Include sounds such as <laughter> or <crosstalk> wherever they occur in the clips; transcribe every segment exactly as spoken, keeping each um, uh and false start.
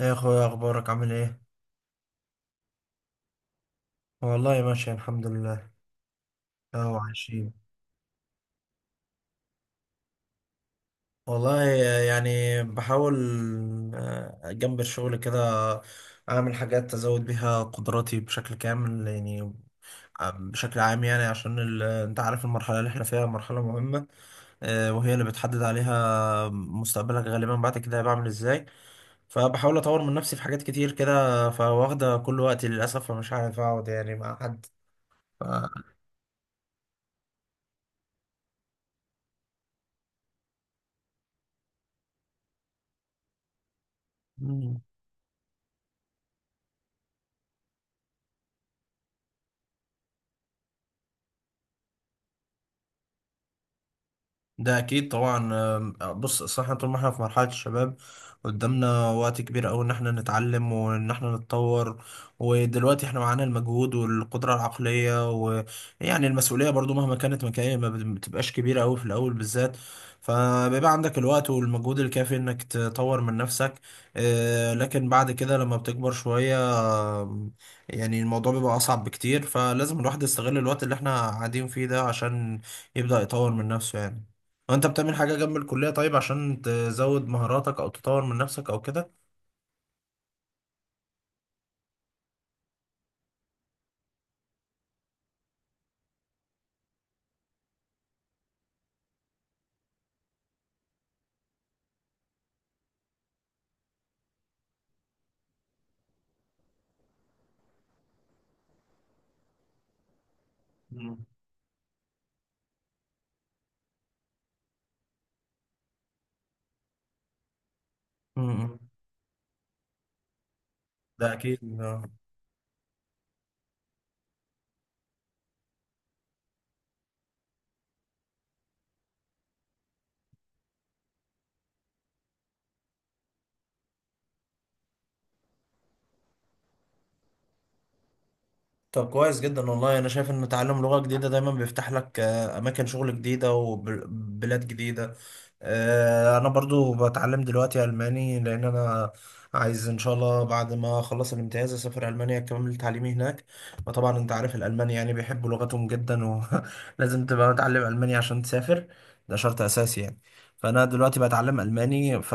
ايه يا اخويا اخبارك عامل ايه. والله ماشي الحمد لله. اهو عايشين. والله يعني بحاول. آه، جنب الشغل كده اعمل حاجات ازود بيها قدراتي بشكل كامل يعني. آه، بشكل عام يعني عشان ال... انت عارف المرحلة اللي احنا فيها مرحلة مهمة. آه، وهي اللي بتحدد عليها مستقبلك غالبا بعد كده هبقى عامل ازاي. فبحاول اطور من نفسي في حاجات كتير كده، فواخدة كل وقتي للاسف، فمش عارف اقعد يعني مع حد. ف... ده اكيد طبعا. أم، بص اصل احنا طول ما احنا في مرحله الشباب قدامنا وقت كبير قوي ان احنا نتعلم وان احنا نتطور. ودلوقتي احنا معانا المجهود والقدره العقليه ويعني المسؤوليه برضو مهما كانت مكانية ما بت- ما بتبقاش كبيره قوي في الاول بالذات. فبيبقى عندك الوقت والمجهود الكافي انك تطور من نفسك. آه، لكن بعد كده لما بتكبر شويه. آم، يعني الموضوع بيبقى اصعب بكتير، فلازم الواحد يستغل الوقت اللي احنا قاعدين فيه ده عشان يبدأ يطور من نفسه يعني. هو انت بتعمل حاجة جنب الكلية طيب عشان تزود مهاراتك او تطور من نفسك او كده؟ مم. م- م. ده اكيد. طب كويس جدا. والله انا شايف ان تعلم لغة جديدة دايما بيفتح لك آه، اماكن شغل جديدة وبلاد جديدة. آه، انا برضو بتعلم دلوقتي الماني لان انا عايز ان شاء الله بعد ما اخلص الامتياز اسافر المانيا اكمل تعليمي هناك. وطبعا انت عارف الالمان يعني بيحبوا لغتهم جدا. ولازم <laughs> تبقى متعلم الماني عشان تسافر. ده شرط اساسي يعني. فانا دلوقتي بتعلم الماني ف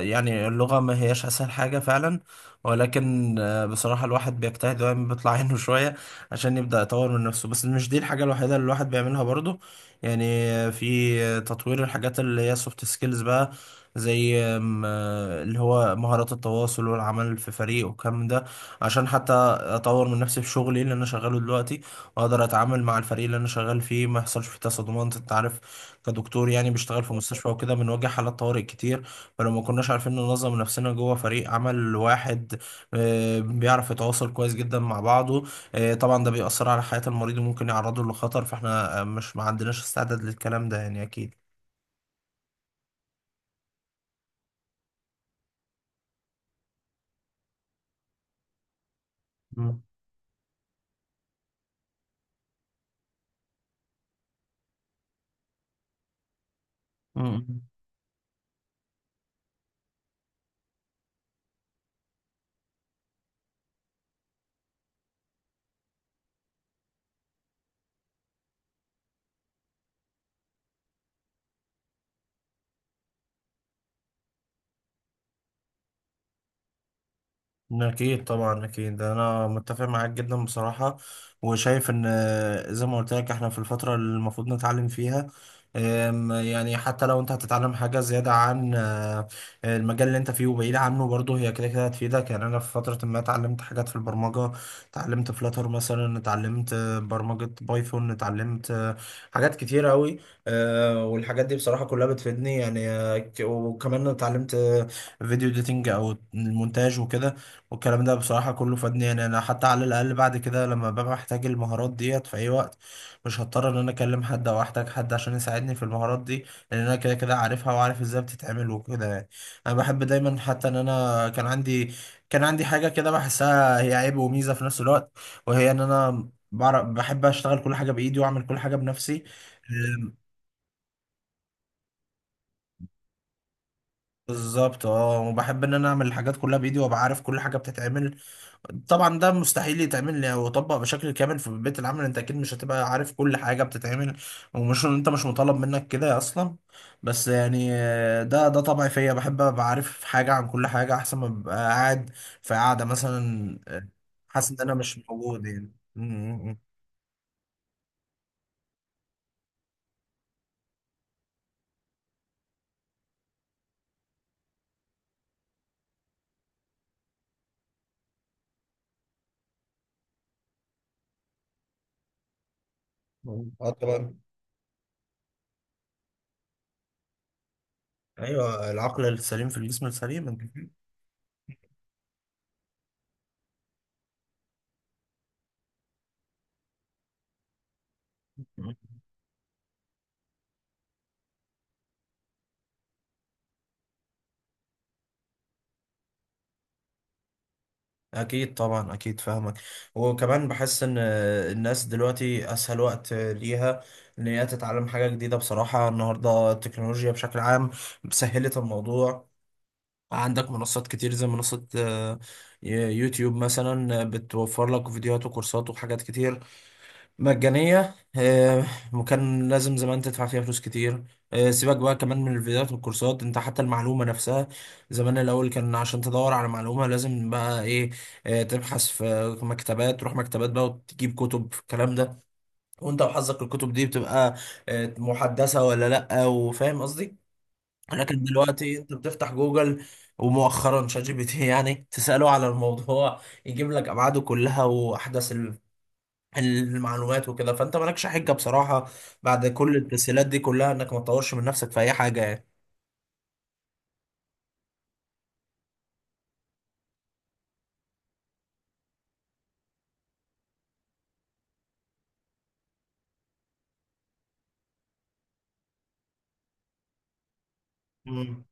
يعني اللغة ما هياش اسهل حاجة فعلا. ولكن آه، بصراحة الواحد بيجتهد دايما بيطلع عينه شوية عشان يبدأ يطور من نفسه. بس مش دي الحاجة الوحيدة اللي الواحد بيعملها برضه يعني. آه، في آه، تطوير الحاجات اللي هي سوفت سكيلز بقى، زي آم، آه، اللي هو مهارات التواصل والعمل في فريق والكلام ده. عشان حتى أطور من نفسي في شغلي اللي أنا شغاله دلوقتي، وأقدر أتعامل مع الفريق اللي أنا شغال فيه ما يحصلش فيه تصادمات. أنت عارف كدكتور يعني بيشتغل في مستشفى وكده بنواجه حالات طوارئ كتير. فلو ما كناش عارفين ننظم نفسنا جوه فريق عمل واحد آه، بيعرف يتواصل كويس جدا مع بعضه آه، طبعا ده بيأثر على حياة المريض وممكن يعرضه لخطر. فاحنا آه، مش ما عندناش استعداد للكلام ده يعني أكيد. مم. مم. أكيد طبعا. أكيد أنا متفق معاك جدا بصراحة. وشايف إن آه، زي ما قلت لك إحنا في الفترة اللي المفروض نتعلم فيها. آم، يعني حتى لو أنت هتتعلم حاجة زيادة عن آه، المجال اللي أنت فيه وبعيد عنه، برضه هي كده كده هتفيدك. يعني أنا في فترة ما اتعلمت حاجات في البرمجة، اتعلمت فلاتر مثلا، اتعلمت آه، برمجة بايثون، اتعلمت آه، حاجات كتيرة أوي. آه، والحاجات دي بصراحة كلها بتفيدني يعني. آه، ك- وكمان اتعلمت آه، فيديو إديتنج أو المونتاج وكده. والكلام ده بصراحة كله فادني يعني. أنا حتى على الأقل بعد كده لما ببقى محتاج المهارات ديت في أي وقت مش هضطر إن أنا أكلم حد أو أحتاج حد عشان يساعدني في المهارات دي، لأن أنا كده كده عارفها وعارف إزاي بتتعمل وكده يعني. أنا بحب دايما حتى إن أنا كان عندي كان عندي حاجة كده بحسها هي عيب وميزة في نفس الوقت، وهي إن أنا بعرف بحب أشتغل كل حاجة بإيدي وأعمل كل حاجة بنفسي. أم، بالظبط اه. وبحب ان انا اعمل الحاجات كلها بايدي وابقى عارف كل حاجه بتتعمل. طبعا ده مستحيل يتعمل ويطبق بشكل كامل في بيئة العمل. انت اكيد مش هتبقى عارف كل حاجة بتتعمل، ومش انت مش مطالب منك كده اصلا. بس يعني آه، ده ده طبعي فيا، بحب ابقى عارف حاجة عن كل حاجة احسن ما ابقى قاعد في قاعدة مثلا آه، حاسس ان انا مش موجود يعني م- م- م. اه طبعا. ايوه، العقل السليم في الجسم السليم. انت فاهم؟ اكيد طبعا اكيد فاهمك. وكمان بحس ان الناس دلوقتي اسهل وقت ليها ان هي تتعلم حاجه جديده. بصراحه النهارده التكنولوجيا بشكل عام سهلت الموضوع. عندك منصات كتير، زي منصه آه، يوتيوب مثلا بتوفر لك فيديوهات وكورسات وحاجات كتير مجانية. آه، وكان لازم زمان تدفع فيها فلوس كتير. آه، سيبك بقى كمان من الفيديوهات والكورسات، انت حتى المعلومة نفسها زمان الأول كان عشان تدور على معلومة لازم بقى ايه آه، تبحث في مكتبات، تروح مكتبات بقى وتجيب كتب في الكلام ده، وانت وحظك الكتب دي بتبقى آه، محدثة ولا لأ، وفاهم قصدي. لكن دلوقتي انت بتفتح جوجل، ومؤخرا شات جي بي تي <laughs> يعني تسأله على الموضوع يجيب لك أبعاده كلها وأحدث المعلومات وكده. فانت مالكش حجه بصراحه بعد كل التسهيلات دي كلها انك ما تطورش من نفسك في اي حاجه يعني.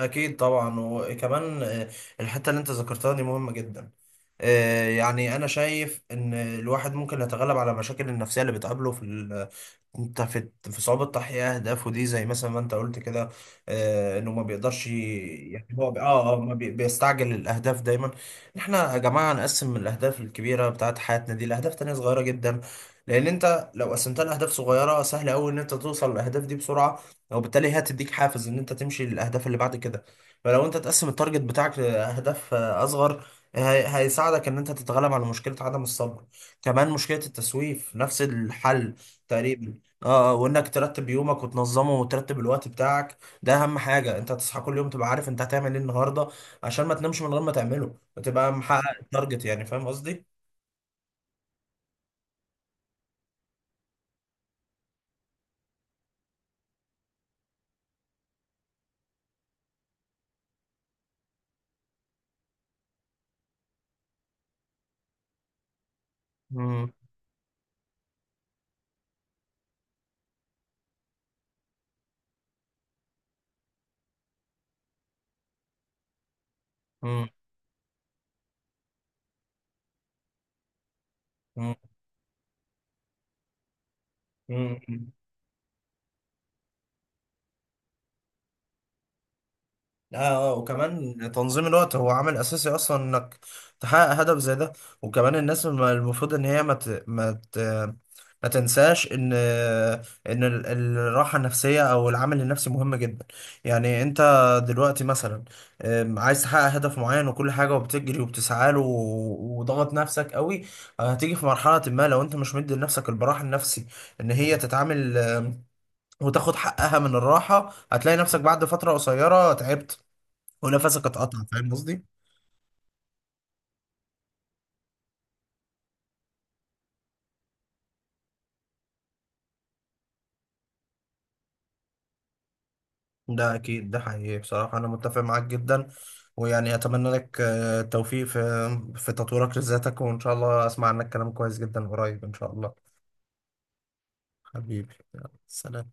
أكيد طبعا. وكمان آه، الحتة اللي أنت ذكرتها دي مهمة جدا. آه، يعني أنا شايف إن الواحد ممكن يتغلب على مشاكل النفسية اللي بتقابله في ال- أنت في في صعوبة تحقيق أهدافه دي، زي مثلا ما أنت قلت كده آه، إنه ما بيقدرش ي- يعني هو بي- آه آه ما بي- بيستعجل الأهداف دايما. إحنا يا جماعة نقسم الأهداف الكبيرة بتاعت حياتنا دي لأهداف تانية صغيرة جدا. لأن أنت لو قسمتها لأهداف صغيرة سهل أوي إن أنت توصل للأهداف دي بسرعة، وبالتالي هي هتديك حافز ان انت تمشي للاهداف اللي بعد كده. فلو انت تقسم التارجت بتاعك لاهداف آه، اصغر آه، هي- هيساعدك ان انت تتغلب على مشكلة عدم الصبر. كمان مشكلة التسويف نفس الحل تقريبا اه. آه، وانك ترتب يومك وتنظمه وترتب الوقت بتاعك ده اهم حاجة. انت تصحى كل يوم تبقى عارف انت هتعمل ايه النهاردة عشان ما تنامش من غير ما تعمله وتبقى محقق التارجت يعني. فاهم قصدي؟ مم. مم. مم. اه. وكمان تنظيم الوقت هو عامل اساسي اصلا انك تحقق هدف زي ده. وكمان الناس ما- المفروض ان هي ما ت... ما ت... ما تنساش ان ان ال- الراحه النفسيه او العامل النفسي مهم جدا. يعني انت دلوقتي مثلا أم، عايز تحقق هدف معين وكل حاجه، وبتجري وبتسعى له و- وضغط نفسك قوي، هتيجي في مرحله ما لو انت مش مدي لنفسك البراح النفسي ان هي تتعامل وتاخد حقها من الراحه، هتلاقي نفسك بعد فتره قصيره تعبت ونفسك اتقطع. فاهم قصدي؟ ده اكيد. ده حقيقي بصراحه انا متفق معاك جدا. ويعني اتمنى لك آه، التوفيق في في تطويرك لذاتك، وان شاء الله اسمع عنك كلام كويس جدا قريب ان شاء الله. حبيبي، يلا، سلام.